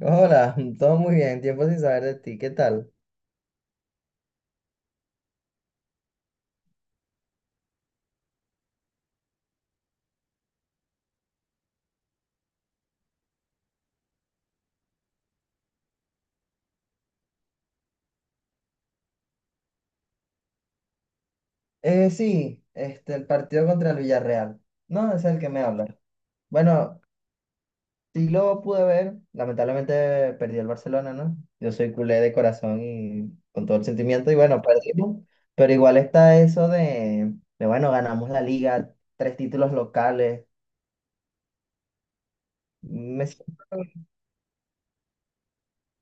Hola, todo muy bien, tiempo sin saber de ti, ¿qué tal? Sí, el partido contra el Villarreal. No, es el que me habla. Bueno, sí lo pude ver, lamentablemente perdió el Barcelona, ¿no? Yo soy culé de corazón y con todo el sentimiento, y bueno, perdimos, pero igual está eso de bueno, ganamos la liga, tres títulos locales. Me siento-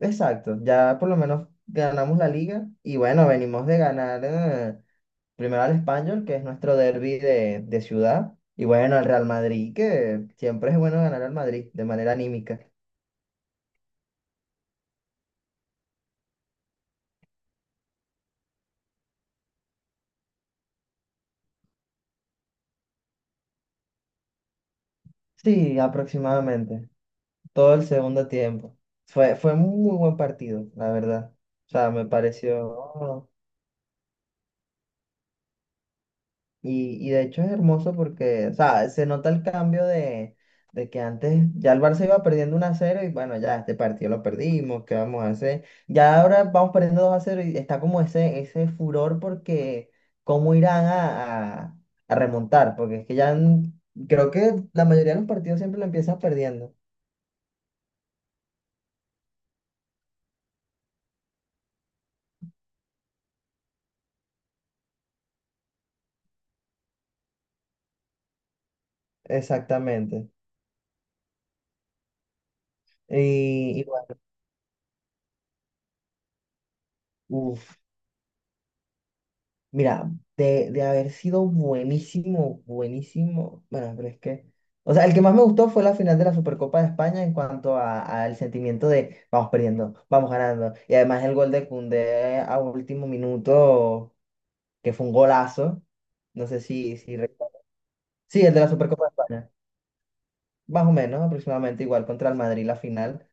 exacto, ya por lo menos ganamos la liga, y bueno, venimos de ganar. Primero al Español, que es nuestro derbi de ciudad. Y bueno, al Real Madrid, que siempre es bueno ganar al Madrid de manera anímica. Sí, aproximadamente. Todo el segundo tiempo. Fue un muy buen partido, la verdad. O sea, me pareció. Y de hecho es hermoso porque, o sea, se nota el cambio de que antes ya el Barça iba perdiendo 1 a cero y bueno, ya este partido lo perdimos, ¿qué vamos a hacer? Ya ahora vamos perdiendo 2 a cero y está como ese furor porque cómo irán a remontar, porque es que creo que la mayoría de los partidos siempre lo empiezan perdiendo. Exactamente. Y, y bueno, Mira, de haber sido buenísimo, buenísimo, bueno, pero es que, o sea, el que más me gustó fue la final de la Supercopa de España en cuanto al sentimiento de vamos perdiendo, vamos ganando, y además el gol de Koundé a último minuto, que fue un golazo, no sé si recuerdas. Sí, el de la Supercopa de España, más o menos, aproximadamente igual contra el Madrid la final.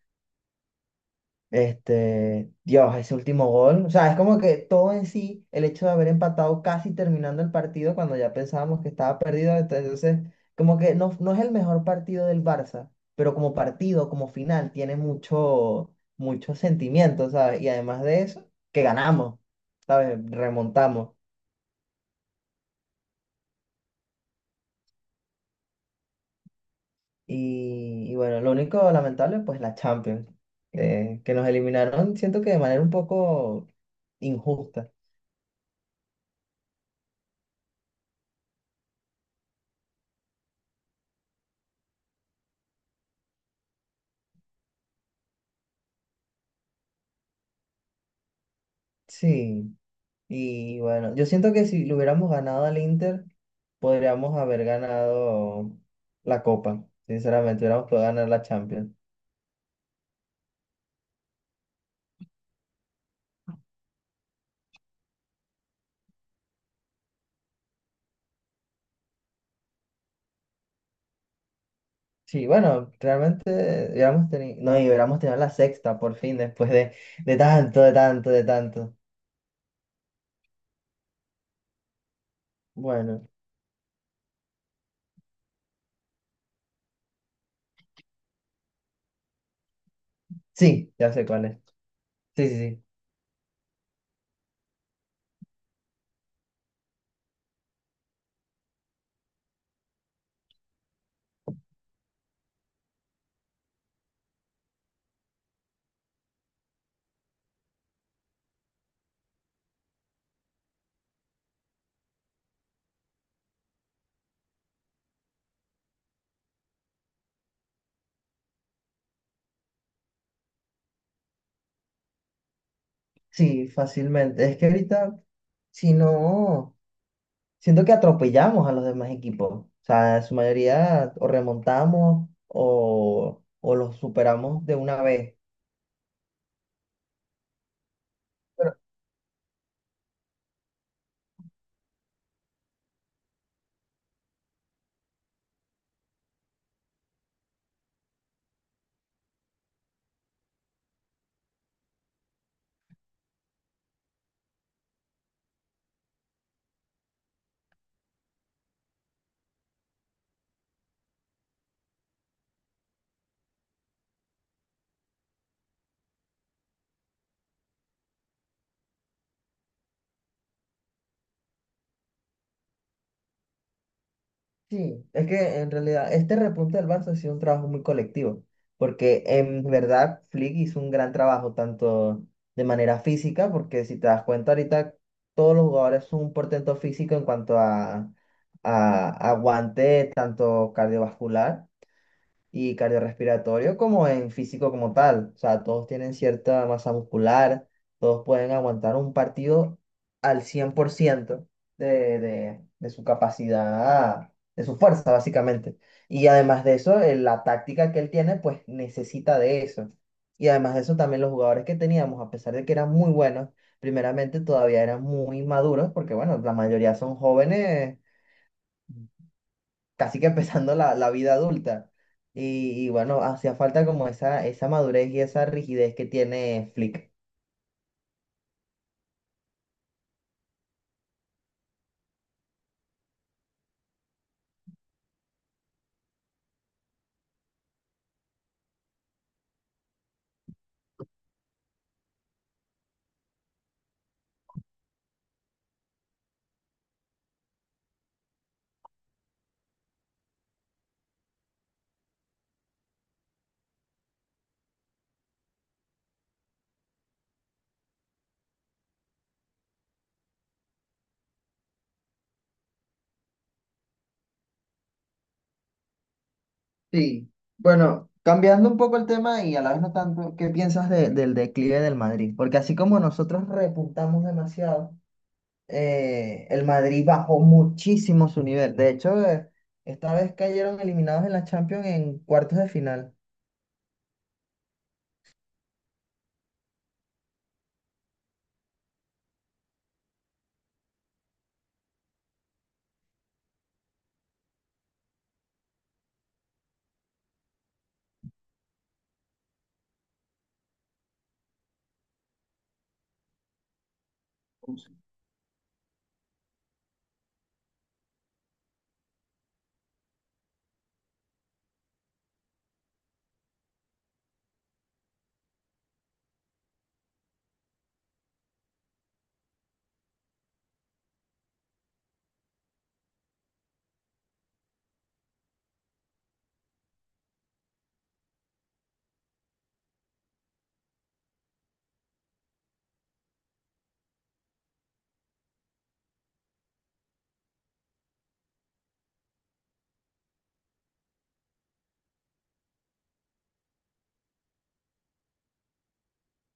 Este, Dios, ese último gol. O sea, es como que todo en sí, el hecho de haber empatado casi terminando el partido cuando ya pensábamos que estaba perdido. Entonces, como que no, no es el mejor partido del Barça, pero como partido, como final, tiene mucho, mucho sentimiento, ¿sabes? Y además de eso, que ganamos, ¿sabes? Remontamos. Y bueno, lo único lamentable, pues la Champions, que nos eliminaron, siento que de manera un poco injusta. Sí. Y bueno, yo siento que si le hubiéramos ganado al Inter, podríamos haber ganado la Copa. Sinceramente, hubiéramos podido ganar la Champions. Sí, bueno, realmente hubiéramos tenido, no, y hubiéramos tenido la sexta por fin después de tanto. Bueno, sí, ya sé cuál es. Sí, sí, sí. Sí, fácilmente. Es que ahorita, si no, siento que atropellamos a los demás equipos. O sea, en su mayoría o remontamos o los superamos de una vez. Sí, es que en realidad este repunte del Barça ha sido un trabajo muy colectivo, porque en verdad Flick hizo un gran trabajo, tanto de manera física, porque si te das cuenta ahorita todos los jugadores son un portento físico en cuanto a aguante, tanto cardiovascular y cardiorrespiratorio como en físico como tal. O sea, todos tienen cierta masa muscular, todos pueden aguantar un partido al 100% de su capacidad, de su fuerza, básicamente. Y además de eso, la táctica que él tiene, pues necesita de eso. Y además de eso, también los jugadores que teníamos, a pesar de que eran muy buenos, primeramente todavía eran muy maduros, porque bueno, la mayoría son jóvenes casi que empezando la vida adulta. Y bueno, hacía falta como esa madurez y esa rigidez que tiene Flick. Sí. Bueno, cambiando un poco el tema y a la vez no tanto, ¿qué piensas del declive del Madrid? Porque así como nosotros repuntamos demasiado, el Madrid bajó muchísimo su nivel. De hecho, esta vez cayeron eliminados en la Champions en cuartos de final.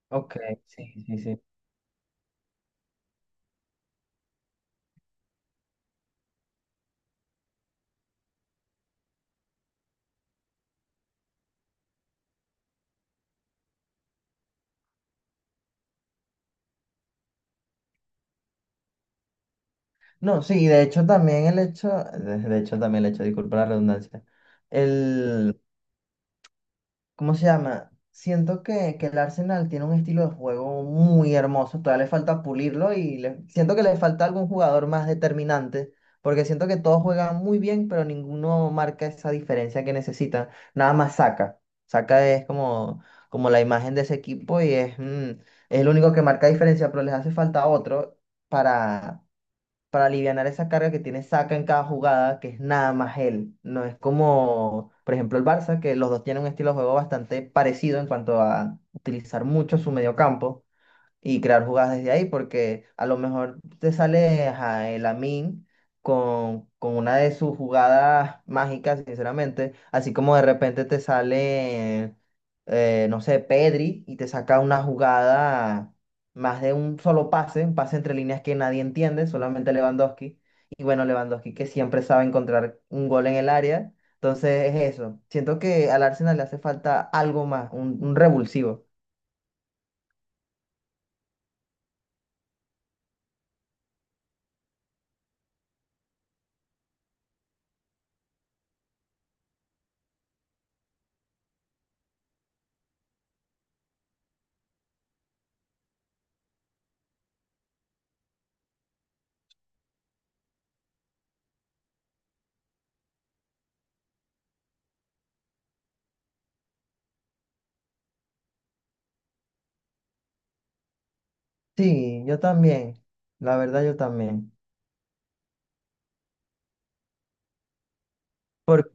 Ok, sí, sí, sí. No, sí, de hecho también el hecho, de hecho también el hecho, disculpa la redundancia, el, ¿cómo se llama? Siento que el Arsenal tiene un estilo de juego muy hermoso, todavía le falta pulirlo y siento que le falta algún jugador más determinante, porque siento que todos juegan muy bien, pero ninguno marca esa diferencia que necesita, nada más saca, saca es como, como la imagen de ese equipo y es, mm, es el único que marca diferencia, pero les hace falta otro para alivianar esa carga que tiene Saka en cada jugada, que es nada más él. No es como, por ejemplo, el Barça, que los dos tienen un estilo de juego bastante parecido en cuanto a utilizar mucho su mediocampo y crear jugadas desde ahí, porque a lo mejor te sale ajá, el Amin con una de sus jugadas mágicas, sinceramente, así como de repente te sale, no sé, Pedri y te saca una jugada más de un solo pase, un pase entre líneas que nadie entiende, solamente Lewandowski. Y bueno, Lewandowski que siempre sabe encontrar un gol en el área. Entonces es eso. Siento que al Arsenal le hace falta algo más, un revulsivo. Sí, yo también. La verdad, yo también. Por,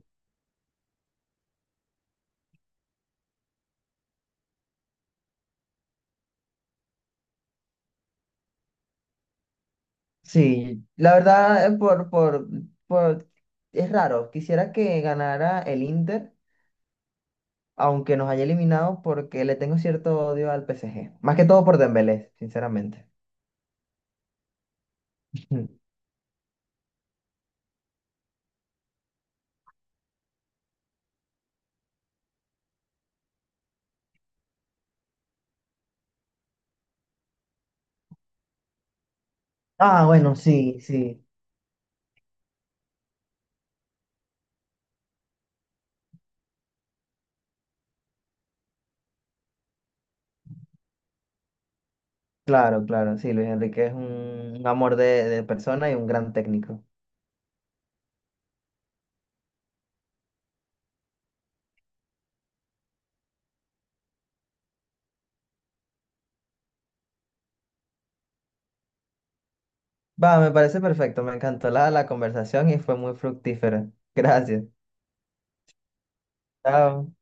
sí, la verdad, por, es raro. Quisiera que ganara el Inter, aunque nos haya eliminado, porque le tengo cierto odio al PSG. Más que todo por Dembélé, sinceramente. Mm. Ah, bueno, sí, sí. Claro, claro, sí. Luis Enrique es un amor de persona y un gran técnico. Va, me parece perfecto. Me encantó la conversación y fue muy fructífera. Gracias. Chao.